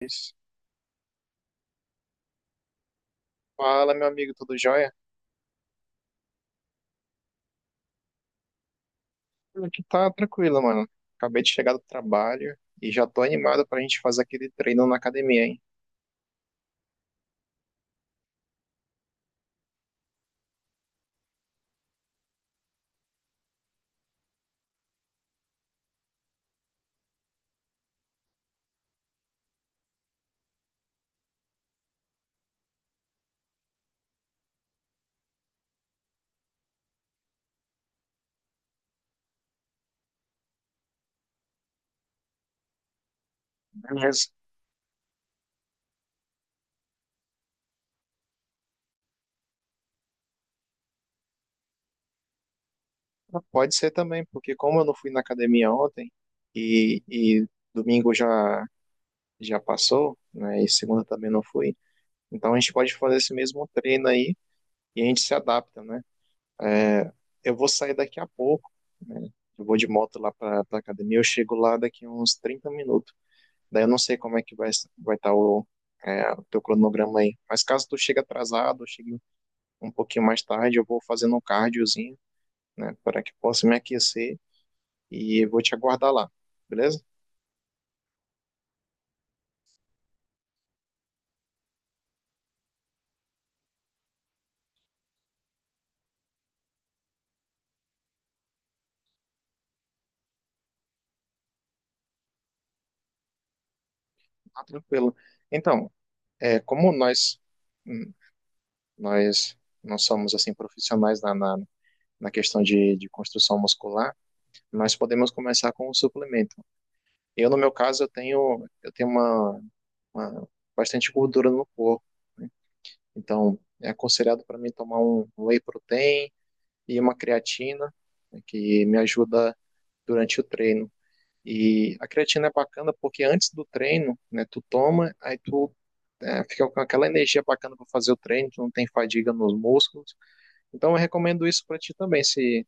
Isso. Fala, meu amigo, tudo jóia? Aqui tá tranquilo, mano. Acabei de chegar do trabalho e já tô animado pra gente fazer aquele treino na academia, hein? Beleza. Pode ser também, porque como eu não fui na academia ontem e domingo já passou, né? E segunda também não fui, então a gente pode fazer esse mesmo treino aí e a gente se adapta, né? É, eu vou sair daqui a pouco, né? Eu vou de moto lá pra academia, eu chego lá daqui uns 30 minutos. Daí eu não sei como é que vai estar o teu cronograma aí. Mas caso tu chegue atrasado, chegue um pouquinho mais tarde, eu vou fazendo um cardiozinho, né, para que possa me aquecer e vou te aguardar lá, beleza? Ah, tranquilo. Então, como hum, nós não somos assim profissionais na questão de construção muscular, nós podemos começar com um suplemento. Eu, no meu caso, eu tenho uma bastante gordura no corpo. Então, é aconselhado para mim tomar um whey protein e uma creatina, né, que me ajuda durante o treino. E a creatina é bacana porque antes do treino, né, tu toma, aí tu fica com aquela energia bacana para fazer o treino, tu não tem fadiga nos músculos. Então eu recomendo isso para ti também, se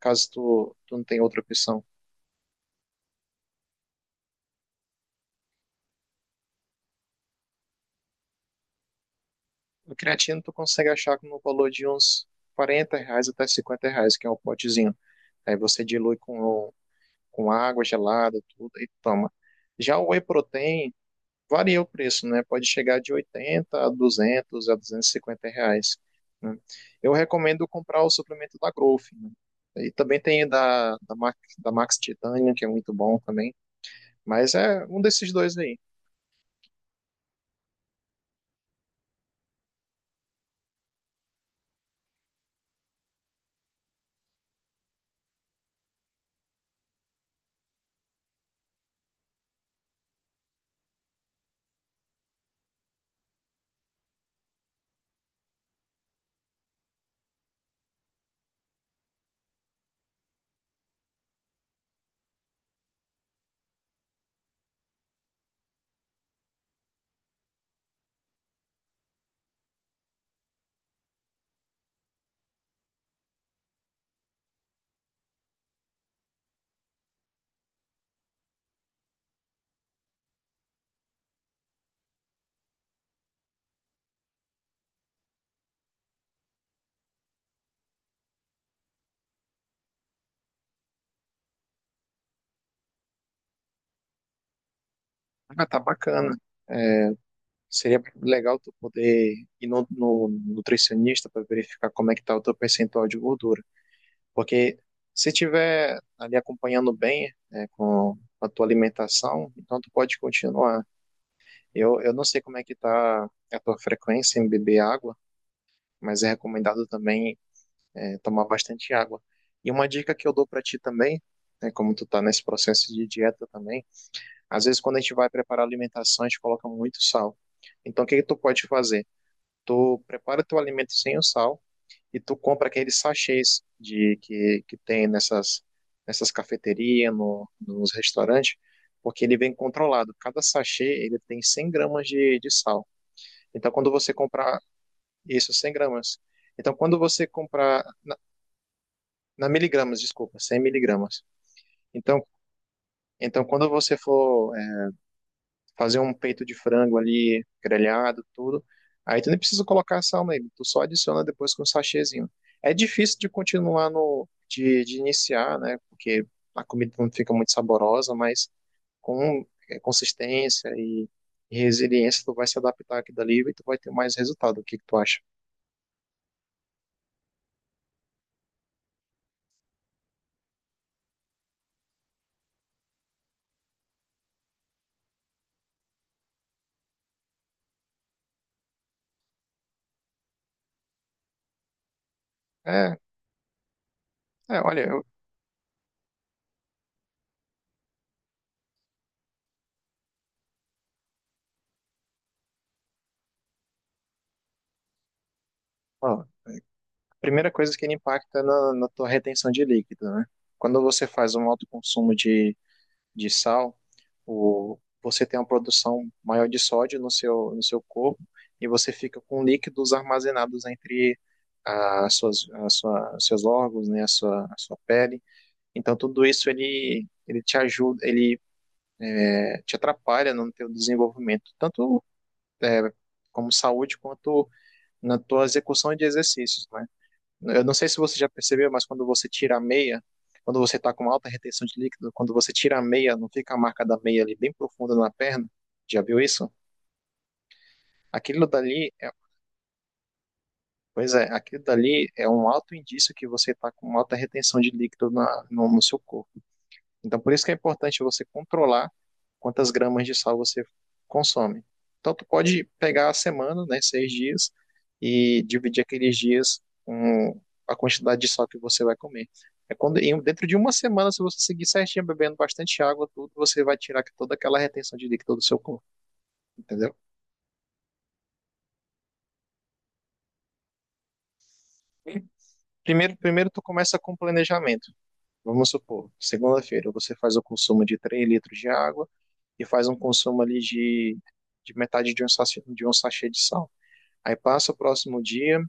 caso tu não tem outra opção. A creatina tu consegue achar no valor de uns R$40 até R$50, que é o potezinho. Aí você dilui com água gelada, tudo, e toma. Já o whey protein varia o preço, né? Pode chegar de 80 a 200 a R$250, né? Eu recomendo comprar o suplemento da Growth, né? E também tem da Max Titanium, que é muito bom também. Mas é um desses dois aí. Ah, tá bacana. É, Seria legal tu poder ir no nutricionista para verificar como é que tá o teu percentual de gordura. Porque se tiver ali acompanhando bem, né, com a tua alimentação, então tu pode continuar. Eu não sei como é que tá a tua frequência em beber água, mas é recomendado também tomar bastante água. E uma dica que eu dou para ti também, né, como tu tá nesse processo de dieta também, às vezes quando a gente vai preparar alimentação, a gente coloca muito sal. Então o que que tu pode fazer? Tu prepara teu alimento sem o sal, e tu compra aqueles sachês de que tem nessas cafeterias, no, nos restaurantes, porque ele vem controlado. Cada sachê ele tem 100 g de sal. Então, quando você comprar isso, 100 g. Então, quando você comprar na miligramas, desculpa, 100 mg. Então, então, quando você for fazer um peito de frango ali, grelhado, tudo. Aí tu nem precisa colocar sal nele, tu só adiciona depois com um sachêzinho. É difícil de continuar no, de iniciar, né? Porque a comida não fica muito saborosa, mas com consistência e resiliência tu vai se adaptar aqui dali e tu vai ter mais resultado. O que que tu acha? É, olha, ó, a primeira coisa que ele impacta na tua retenção de líquido, né? Quando você faz um alto consumo de sal, você tem uma produção maior de sódio no seu corpo e você fica com líquidos armazenados entre as suas, as sua, os seus órgãos, né, a sua pele. Então tudo isso ele te ajuda, ele te atrapalha no teu desenvolvimento, tanto é, como saúde quanto na tua execução de exercícios, né? Eu não sei se você já percebeu, mas quando você tira a meia, quando você está com alta retenção de líquido, quando você tira a meia, não fica a marca da meia ali bem profunda na perna? Já viu isso? Aquilo dali, pois é, aquilo dali é um alto indício que você está com alta retenção de líquido na, no, no seu corpo. Então, por isso que é importante você controlar quantas gramas de sal você consome. Então, tu pode pegar a semana, né, 6 dias, e dividir aqueles dias com a quantidade de sal que você vai comer. É quando, dentro de uma semana, se você seguir certinho, bebendo bastante água, tudo, você vai tirar toda aquela retenção de líquido do seu corpo, entendeu? Primeiro, tu começa com planejamento. Vamos supor, segunda-feira você faz o consumo de 3 litros de água, e faz um consumo ali de metade de um sachê de sal. Aí passa o próximo dia,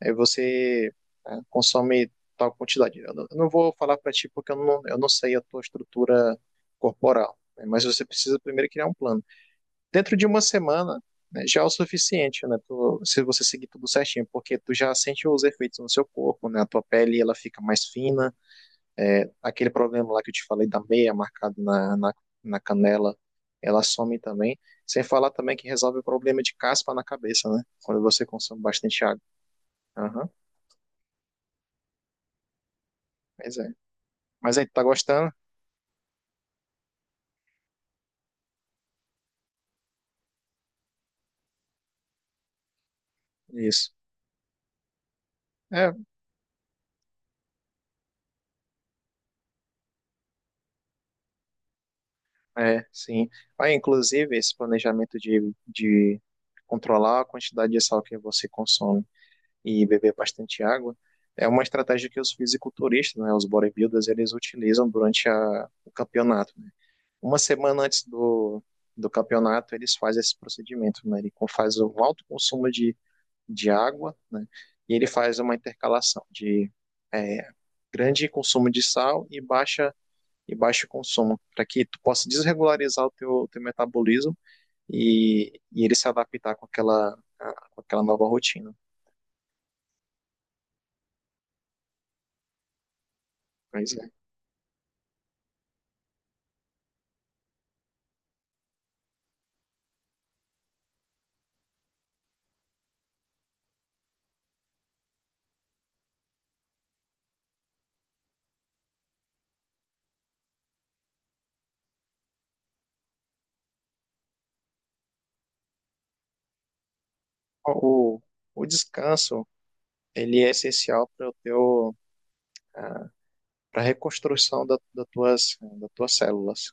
aí você consome tal quantidade. Eu não vou falar para ti porque eu não sei a tua estrutura corporal, né, mas você precisa primeiro criar um plano. Dentro de uma semana, né, já é o suficiente, né, se você seguir tudo certinho, porque tu já sente os efeitos no seu corpo, né, a tua pele ela fica mais fina, aquele problema lá que eu te falei da meia marcada na canela, ela some também. Sem falar também que resolve o problema de caspa na cabeça, né? Quando você consome bastante água. Aham, pois é. Mas aí, tá gostando? Isso. É, sim. Aí, inclusive, esse planejamento de controlar a quantidade de sal que você consome e beber bastante água é uma estratégia que os fisiculturistas, né, os bodybuilders, eles utilizam durante o campeonato. Uma semana antes do campeonato, eles fazem esse procedimento, né? Ele faz um alto consumo de água, né? E ele faz uma intercalação de é, grande consumo de sal e baixo consumo, para que tu possa desregularizar o teu metabolismo e ele se adaptar com aquela nova rotina. Mas, é. o, o descanso ele é essencial para o teu para a reconstrução da, das tuas células.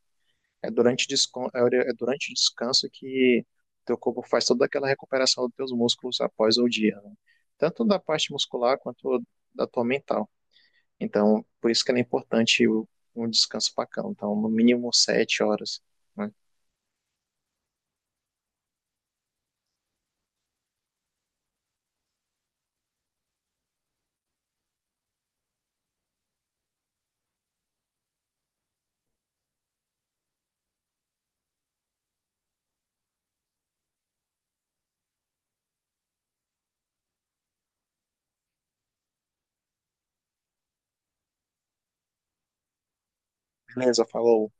É durante o descanso que teu corpo faz toda aquela recuperação dos teus músculos após o dia, né? Tanto da parte muscular quanto da tua mental. Então, por isso que é importante um descanso bacana. Então, no mínimo 7 horas, né? Beleza, falou.